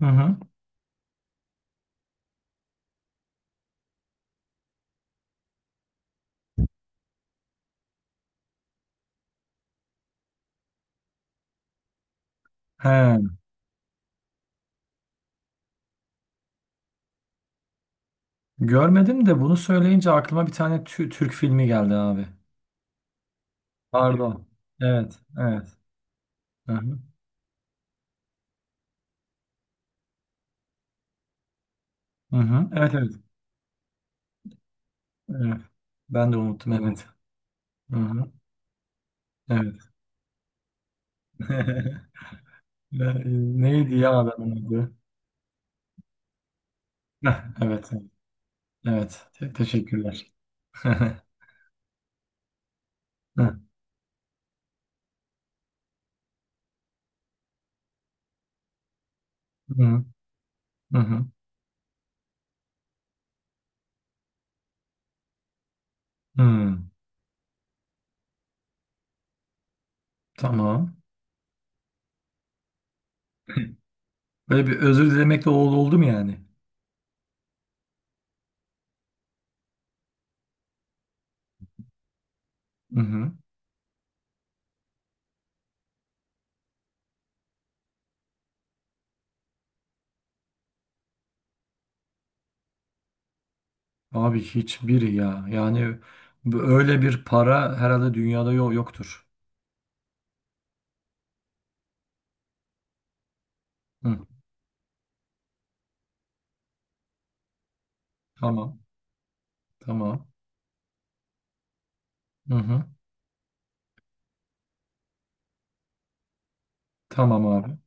Hı hı. He, görmedim de bunu söyleyince aklıma bir tane Türk filmi geldi abi. Pardon. Evet, evet. Hı hı. Hı hı. Evet, evet. Evet. Ben de unuttum, evet. Hı hı. Evet. Ne- Neydi ya, ben unuttum. Evet. Evet. Evet. Teşekkürler. Hı hı. Hı hı. Hı. Tamam. Böyle bir özür dilemek de oldu mu yani? Hı hı. Abi hiçbiri ya. Yani öyle bir para herhalde dünyada yok yoktur. Hı, tamam, tamam. Hı hı, tamam abi.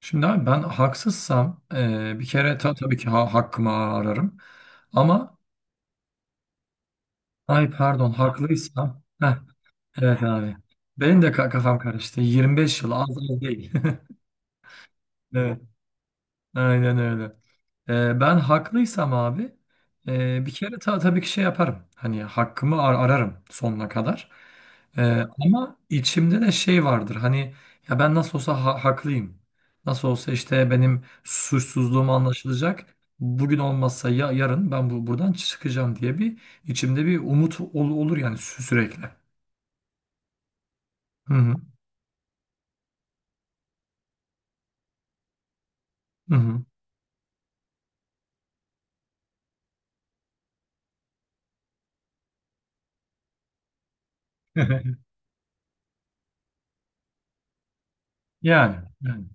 Şimdi abi, ben haksızsam, bir kere tabii ki hakkımı ararım. Ama ay pardon, haklıysam. Heh, evet abi. Benim de kafam karıştı. 25 yıl az değil. Evet. Aynen öyle. Ben haklıysam abi, bir kere, tabii ki şey yaparım. Hani hakkımı ararım sonuna kadar. Ee, ama içimde de şey vardır. Hani, ya ben nasıl olsa haklıyım. Nasıl olsa işte benim suçsuzluğum anlaşılacak. Bugün olmazsa ya yarın ben buradan çıkacağım diye bir içimde bir umut olur yani, sürekli. Hı hı. Hı hı. Yani. Yani.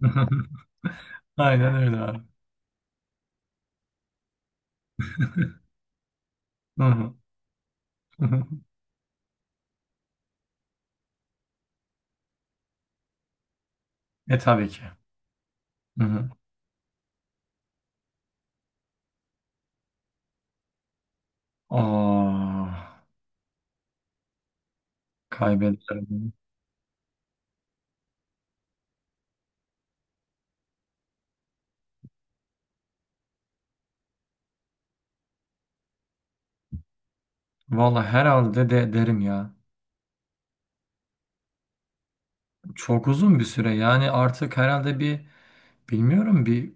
Aynen öyle abi. Hı hı. Hı hı. E tabii ki. Hı hı. Ah, kaybederim. Valla herhalde de derim ya. Çok uzun bir süre yani, artık herhalde bir, bilmiyorum, bir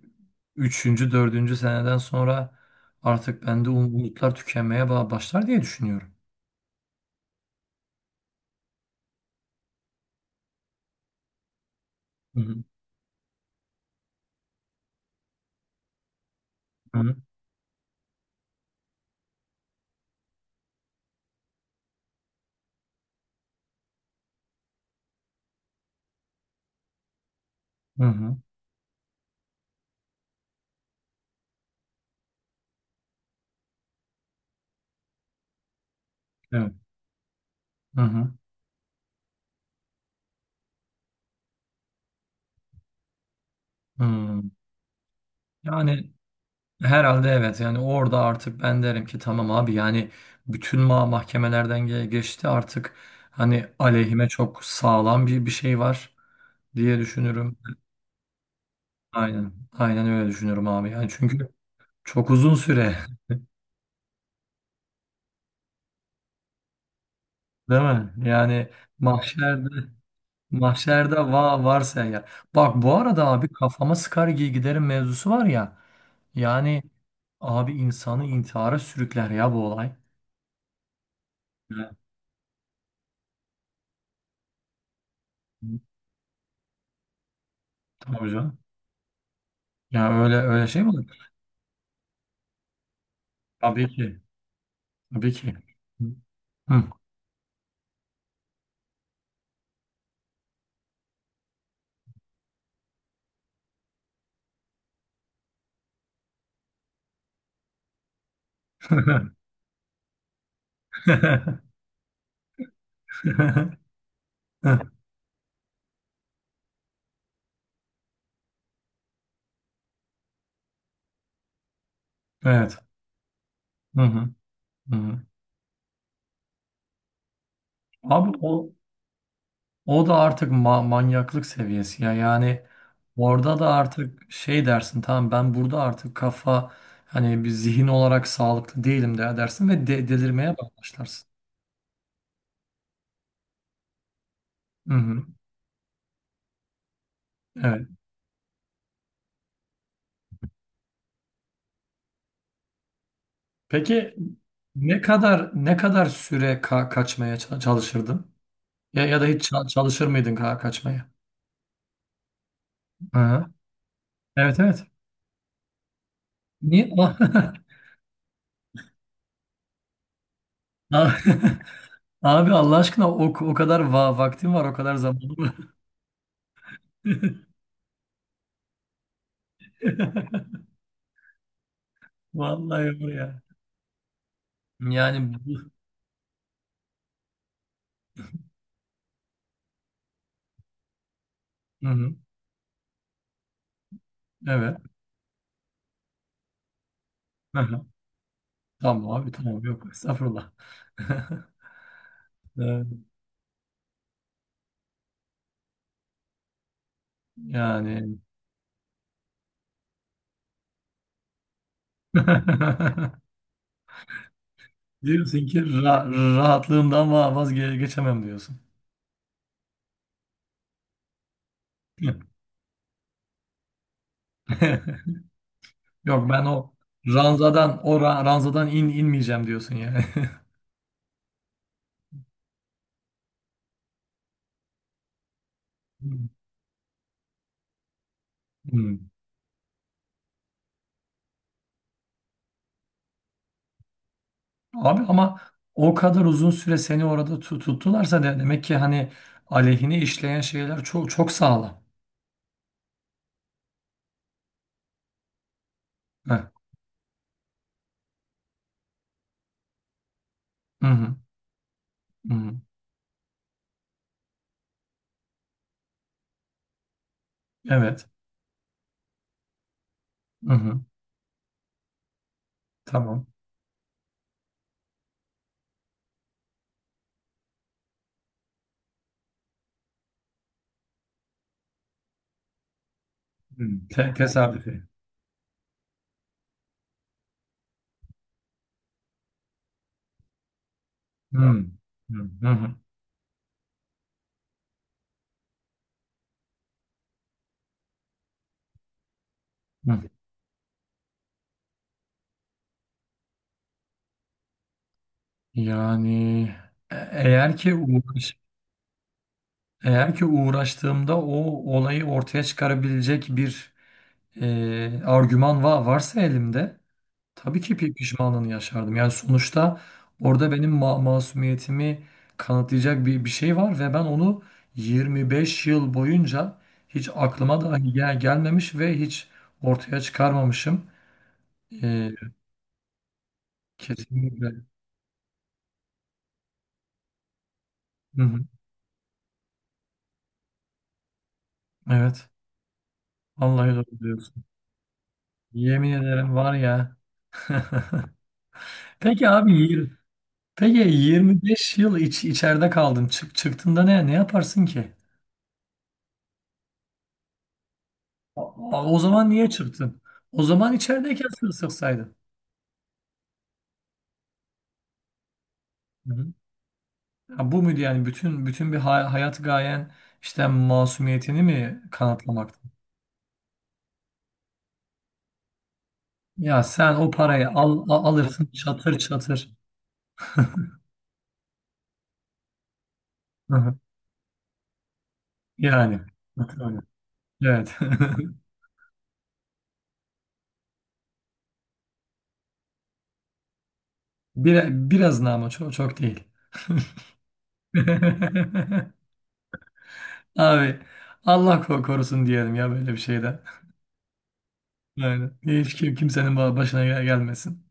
üçüncü, dördüncü seneden sonra artık bende umutlar tükenmeye başlar diye düşünüyorum. Hı hı. Hı hı. Hı hı. Evet. Hı hı. Hı. Yani herhalde, evet yani, orada artık ben derim ki tamam abi, yani bütün mahkemelerden geçti artık, hani aleyhime çok sağlam bir şey var. Diye düşünürüm. Aynen. Aynen öyle düşünüyorum abi. Yani çünkü çok uzun süre değil mi? Yani mahşerde, varsa ya. Bak bu arada abi, kafama sıkar giderim mevzusu var ya. Yani abi, insanı intihara sürükler ya bu olay. Evet. Tabii canım. Ya öyle şey mi olur? Tabii ki. Tabii ki. Hı. Evet. Hı hı. Hı hı. Abi o da artık manyaklık seviyesi ya yani, orada da artık şey dersin, tamam ben burada artık kafa, hani bir zihin olarak sağlıklı değilim de dersin ve delirmeye başlarsın. Hı hı. Evet. Peki ne kadar süre kaçmaya çalışırdın? Ya da hiç çalışır mıydın kaçmaya? Hı hı. Evet evet. Niye? Abi Allah aşkına, o kadar vaktin var, o kadar zamanın var. Vallahi var ya. Yani hı hı, evet. Hı hı. Tamam abi tamam, yok estağfurullah. Evet, yani diyorsun ki rahatlığımdan vazgeçemem diyorsun. Yok, ben o ranzadan inmeyeceğim diyorsun yani. Hmm. Hmm. Abi ama o kadar uzun süre seni orada tuttularsa, demek ki hani aleyhine işleyen şeyler çok çok sağlam. Heh. Hı hı. Hı hı. Evet. Hı hı. Tamam. Hmm, tesadüfi. Hmm, hmm, hı hı, hı. Yani, e- eğer ki uğraş, eğer ki uğraştığımda o olayı ortaya çıkarabilecek bir, argüman varsa elimde, tabii ki pişmanlığını yaşardım. Yani sonuçta orada benim masumiyetimi kanıtlayacak bir şey var ve ben onu 25 yıl boyunca hiç aklıma dahi gelmemiş ve hiç ortaya çıkarmamışım. E, kesinlikle. Hı hı. Evet. Vallahi doğru diyorsun. Yemin ederim, var ya. Peki abi yir- Peki yirmi beş yıl içeride kaldın. Çıktığında ne yaparsın ki? O zaman niye çıktın? O zaman içerideyken sıksaydın. Hı hı. Ha, bu muydu yani, bütün bir hayat gayen işte masumiyetini mi kanıtlamaktı? Ya sen o parayı alırsın çatır çatır. Hı hı. Yani. Öyle. Evet. Bir biraz ne ama, çok çok değil. Abi Allah korusun diyelim ya böyle bir şeyden. Yani hiç kimsenin başına gelmesin.